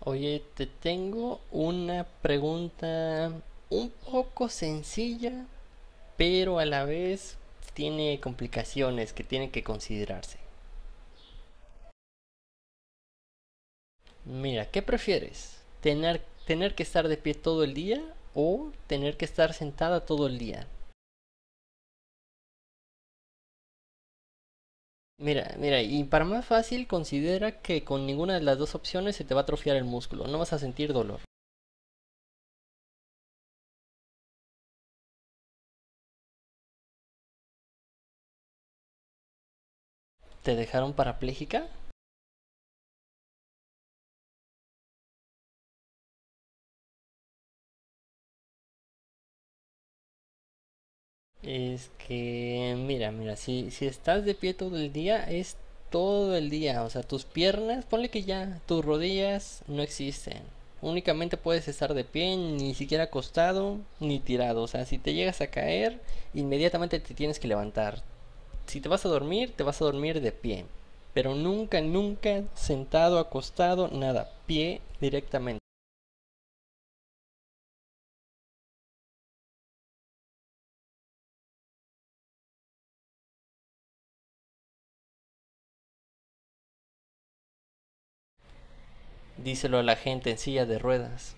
Oye, te tengo una pregunta un poco sencilla, pero a la vez tiene complicaciones que tienen que considerarse. Mira, ¿qué prefieres? ¿Tener que estar de pie todo el día o tener que estar sentada todo el día? Mira, mira, y para más fácil, considera que con ninguna de las dos opciones se te va a atrofiar el músculo, no vas a sentir dolor. ¿Te dejaron parapléjica? Es que, mira, mira, si estás de pie todo el día, es todo el día. O sea, tus piernas, ponle que ya, tus rodillas no existen. Únicamente puedes estar de pie, ni siquiera acostado, ni tirado. O sea, si te llegas a caer, inmediatamente te tienes que levantar. Si te vas a dormir, te vas a dormir de pie. Pero nunca, nunca sentado, acostado, nada. Pie directamente. Díselo a la gente en silla de ruedas.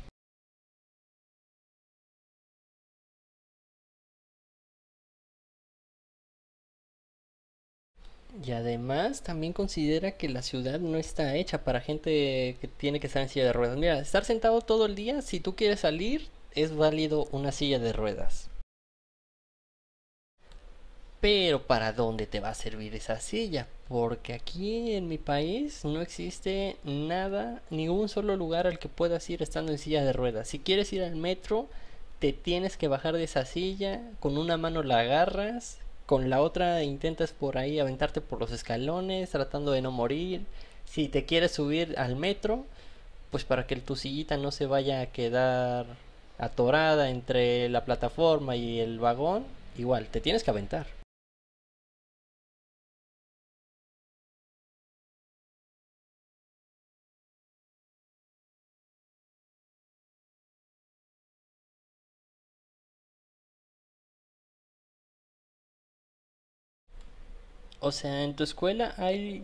Y además también considera que la ciudad no está hecha para gente que tiene que estar en silla de ruedas. Mira, estar sentado todo el día, si tú quieres salir, es válido una silla de ruedas. Pero ¿para dónde te va a servir esa silla? Porque aquí en mi país no existe nada, ningún solo lugar al que puedas ir estando en silla de ruedas. Si quieres ir al metro, te tienes que bajar de esa silla, con una mano la agarras, con la otra intentas por ahí aventarte por los escalones, tratando de no morir. Si te quieres subir al metro, pues para que tu sillita no se vaya a quedar atorada entre la plataforma y el vagón, igual, te tienes que aventar. O sea, en tu escuela hay,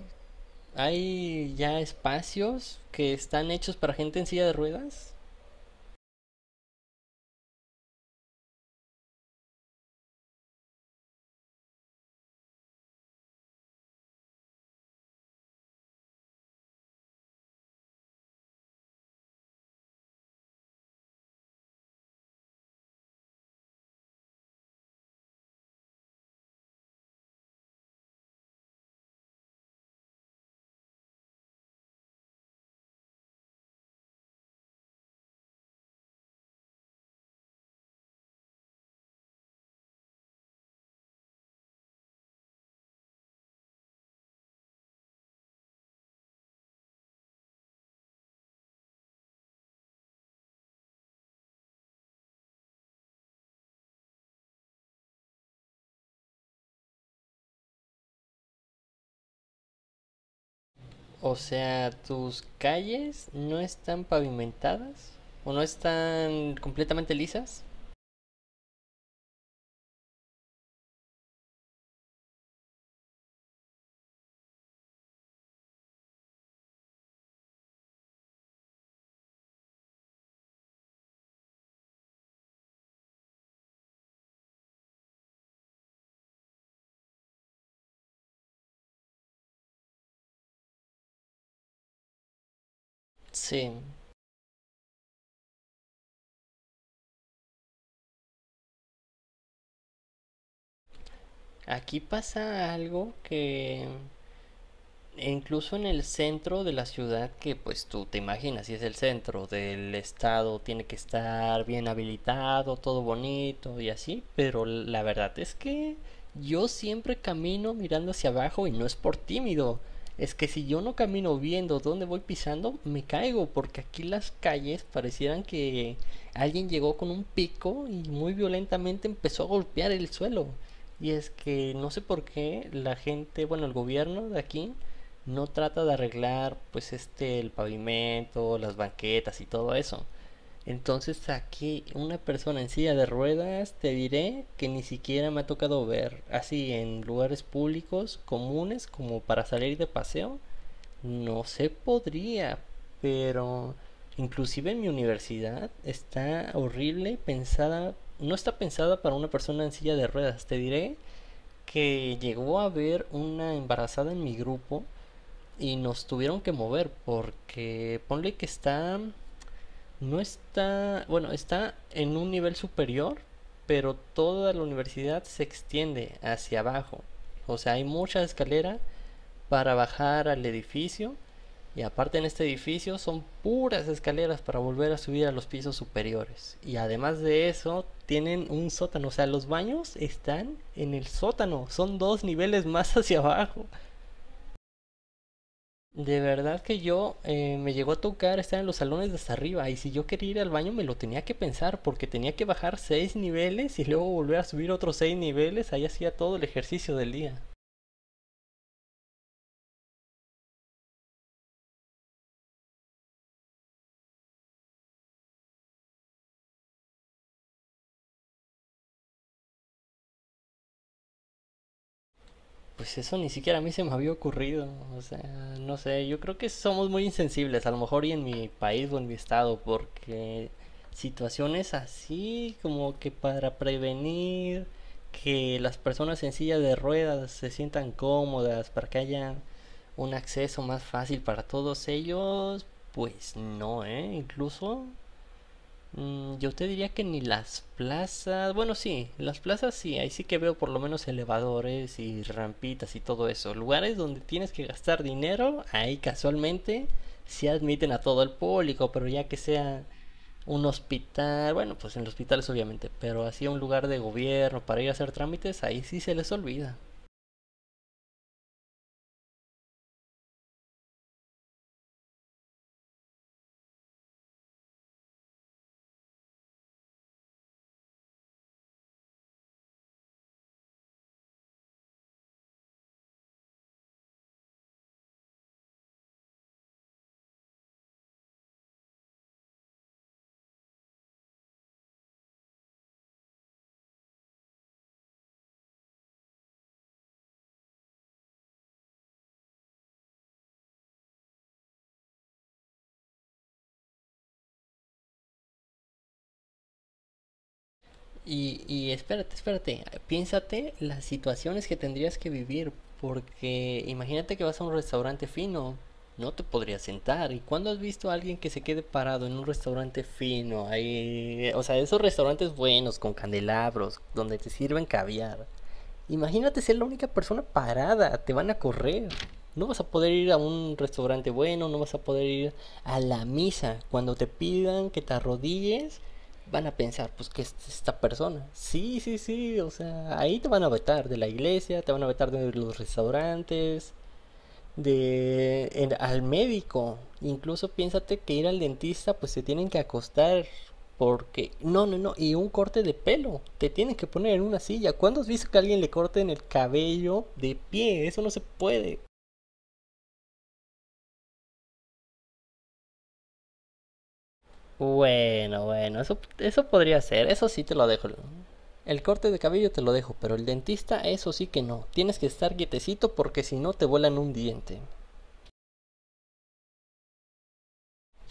hay ya espacios que están hechos para gente en silla de ruedas. O sea, tus calles no están pavimentadas o no están completamente lisas. Sí, aquí pasa algo que e incluso en el centro de la ciudad, que pues tú te imaginas, si es el centro del estado, tiene que estar bien habilitado, todo bonito y así, pero la verdad es que yo siempre camino mirando hacia abajo y no es por tímido. Es que si yo no camino viendo dónde voy pisando, me caigo, porque aquí las calles parecieran que alguien llegó con un pico y muy violentamente empezó a golpear el suelo. Y es que no sé por qué la gente, bueno, el gobierno de aquí no trata de arreglar pues este el pavimento, las banquetas y todo eso. Entonces aquí una persona en silla de ruedas te diré que ni siquiera me ha tocado ver así en lugares públicos comunes como para salir de paseo. No se podría, pero inclusive en mi universidad está horrible pensada, no está pensada para una persona en silla de ruedas. Te diré que llegó a haber una embarazada en mi grupo y nos tuvieron que mover porque ponle que está no está bueno está en un nivel superior, pero toda la universidad se extiende hacia abajo. O sea, hay mucha escalera para bajar al edificio y aparte en este edificio son puras escaleras para volver a subir a los pisos superiores. Y además de eso, tienen un sótano. O sea, los baños están en el sótano. Son dos niveles más hacia abajo. De verdad que yo me llegó a tocar estar en los salones de hasta arriba y si yo quería ir al baño me lo tenía que pensar porque tenía que bajar 6 niveles y luego volver a subir otros 6 niveles, ahí hacía todo el ejercicio del día. Pues eso ni siquiera a mí se me había ocurrido, o sea, no sé, yo creo que somos muy insensibles, a lo mejor y en mi país o en mi estado, porque situaciones así como que para prevenir que las personas en silla de ruedas se sientan cómodas, para que haya un acceso más fácil para todos ellos, pues no, ¿eh? Incluso yo te diría que ni las plazas, bueno, sí, las plazas sí, ahí sí que veo por lo menos elevadores y rampitas y todo eso. Lugares donde tienes que gastar dinero, ahí casualmente sí admiten a todo el público, pero ya que sea un hospital, bueno, pues en los hospitales obviamente, pero así un lugar de gobierno para ir a hacer trámites, ahí sí se les olvida. Y espérate, espérate, piénsate las situaciones que tendrías que vivir, porque imagínate que vas a un restaurante fino, no te podrías sentar. ¿Y cuándo has visto a alguien que se quede parado en un restaurante fino? Ahí, o sea, esos restaurantes buenos, con candelabros, donde te sirven caviar. Imagínate ser la única persona parada, te van a correr. No vas a poder ir a un restaurante bueno, no vas a poder ir a la misa. Cuando te pidan que te arrodilles, van a pensar, pues, ¿qué es esta persona? Sí, sí, sí, o sea, ahí te van a vetar de la iglesia, te van a vetar de los restaurantes, de al médico. Incluso piénsate que ir al dentista, pues se tienen que acostar porque no, no, no, y un corte de pelo, te tienen que poner en una silla. ¿Cuándo has visto que a alguien le corten el cabello de pie? Eso no se puede. Bueno, bueno, eso podría ser, eso sí te lo dejo. El corte de cabello te lo dejo, pero el dentista eso sí que no. Tienes que estar quietecito porque si no te vuelan un diente.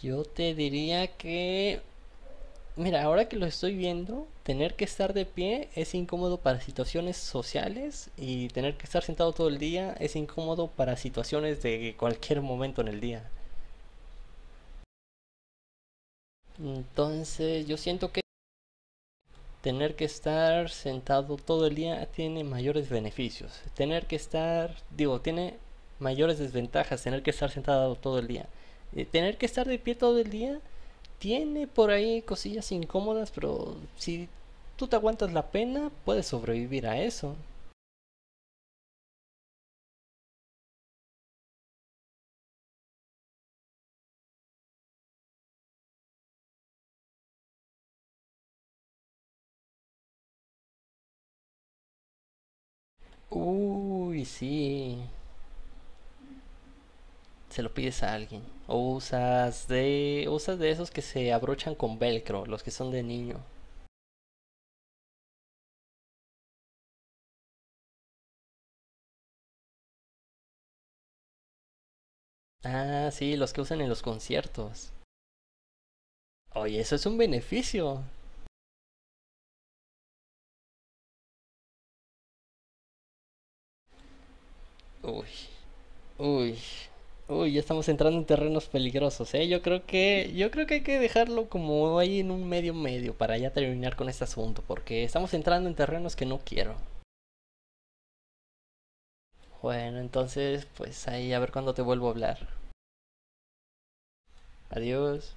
Yo te diría que Mira, ahora que lo estoy viendo, tener que estar de pie es incómodo para situaciones sociales y tener que estar sentado todo el día es incómodo para situaciones de cualquier momento en el día. Entonces, yo siento que tener que estar sentado todo el día tiene mayores beneficios. Tener que estar, digo, tiene mayores desventajas tener que estar sentado todo el día. Tener que estar de pie todo el día tiene por ahí cosillas incómodas, pero si tú te aguantas la pena, puedes sobrevivir a eso. Uy, sí. Se lo pides a alguien. O usas de. Usas de esos que se abrochan con velcro, los que son de niño. Ah, sí, los que usan en los conciertos. Oye, eso es un beneficio. Uy, uy, uy, ya estamos entrando en terrenos peligrosos, ¿eh? Yo creo que hay que dejarlo como ahí en un medio medio para ya terminar con este asunto, porque estamos entrando en terrenos que no quiero. Bueno, entonces, pues ahí a ver cuándo te vuelvo a hablar. Adiós.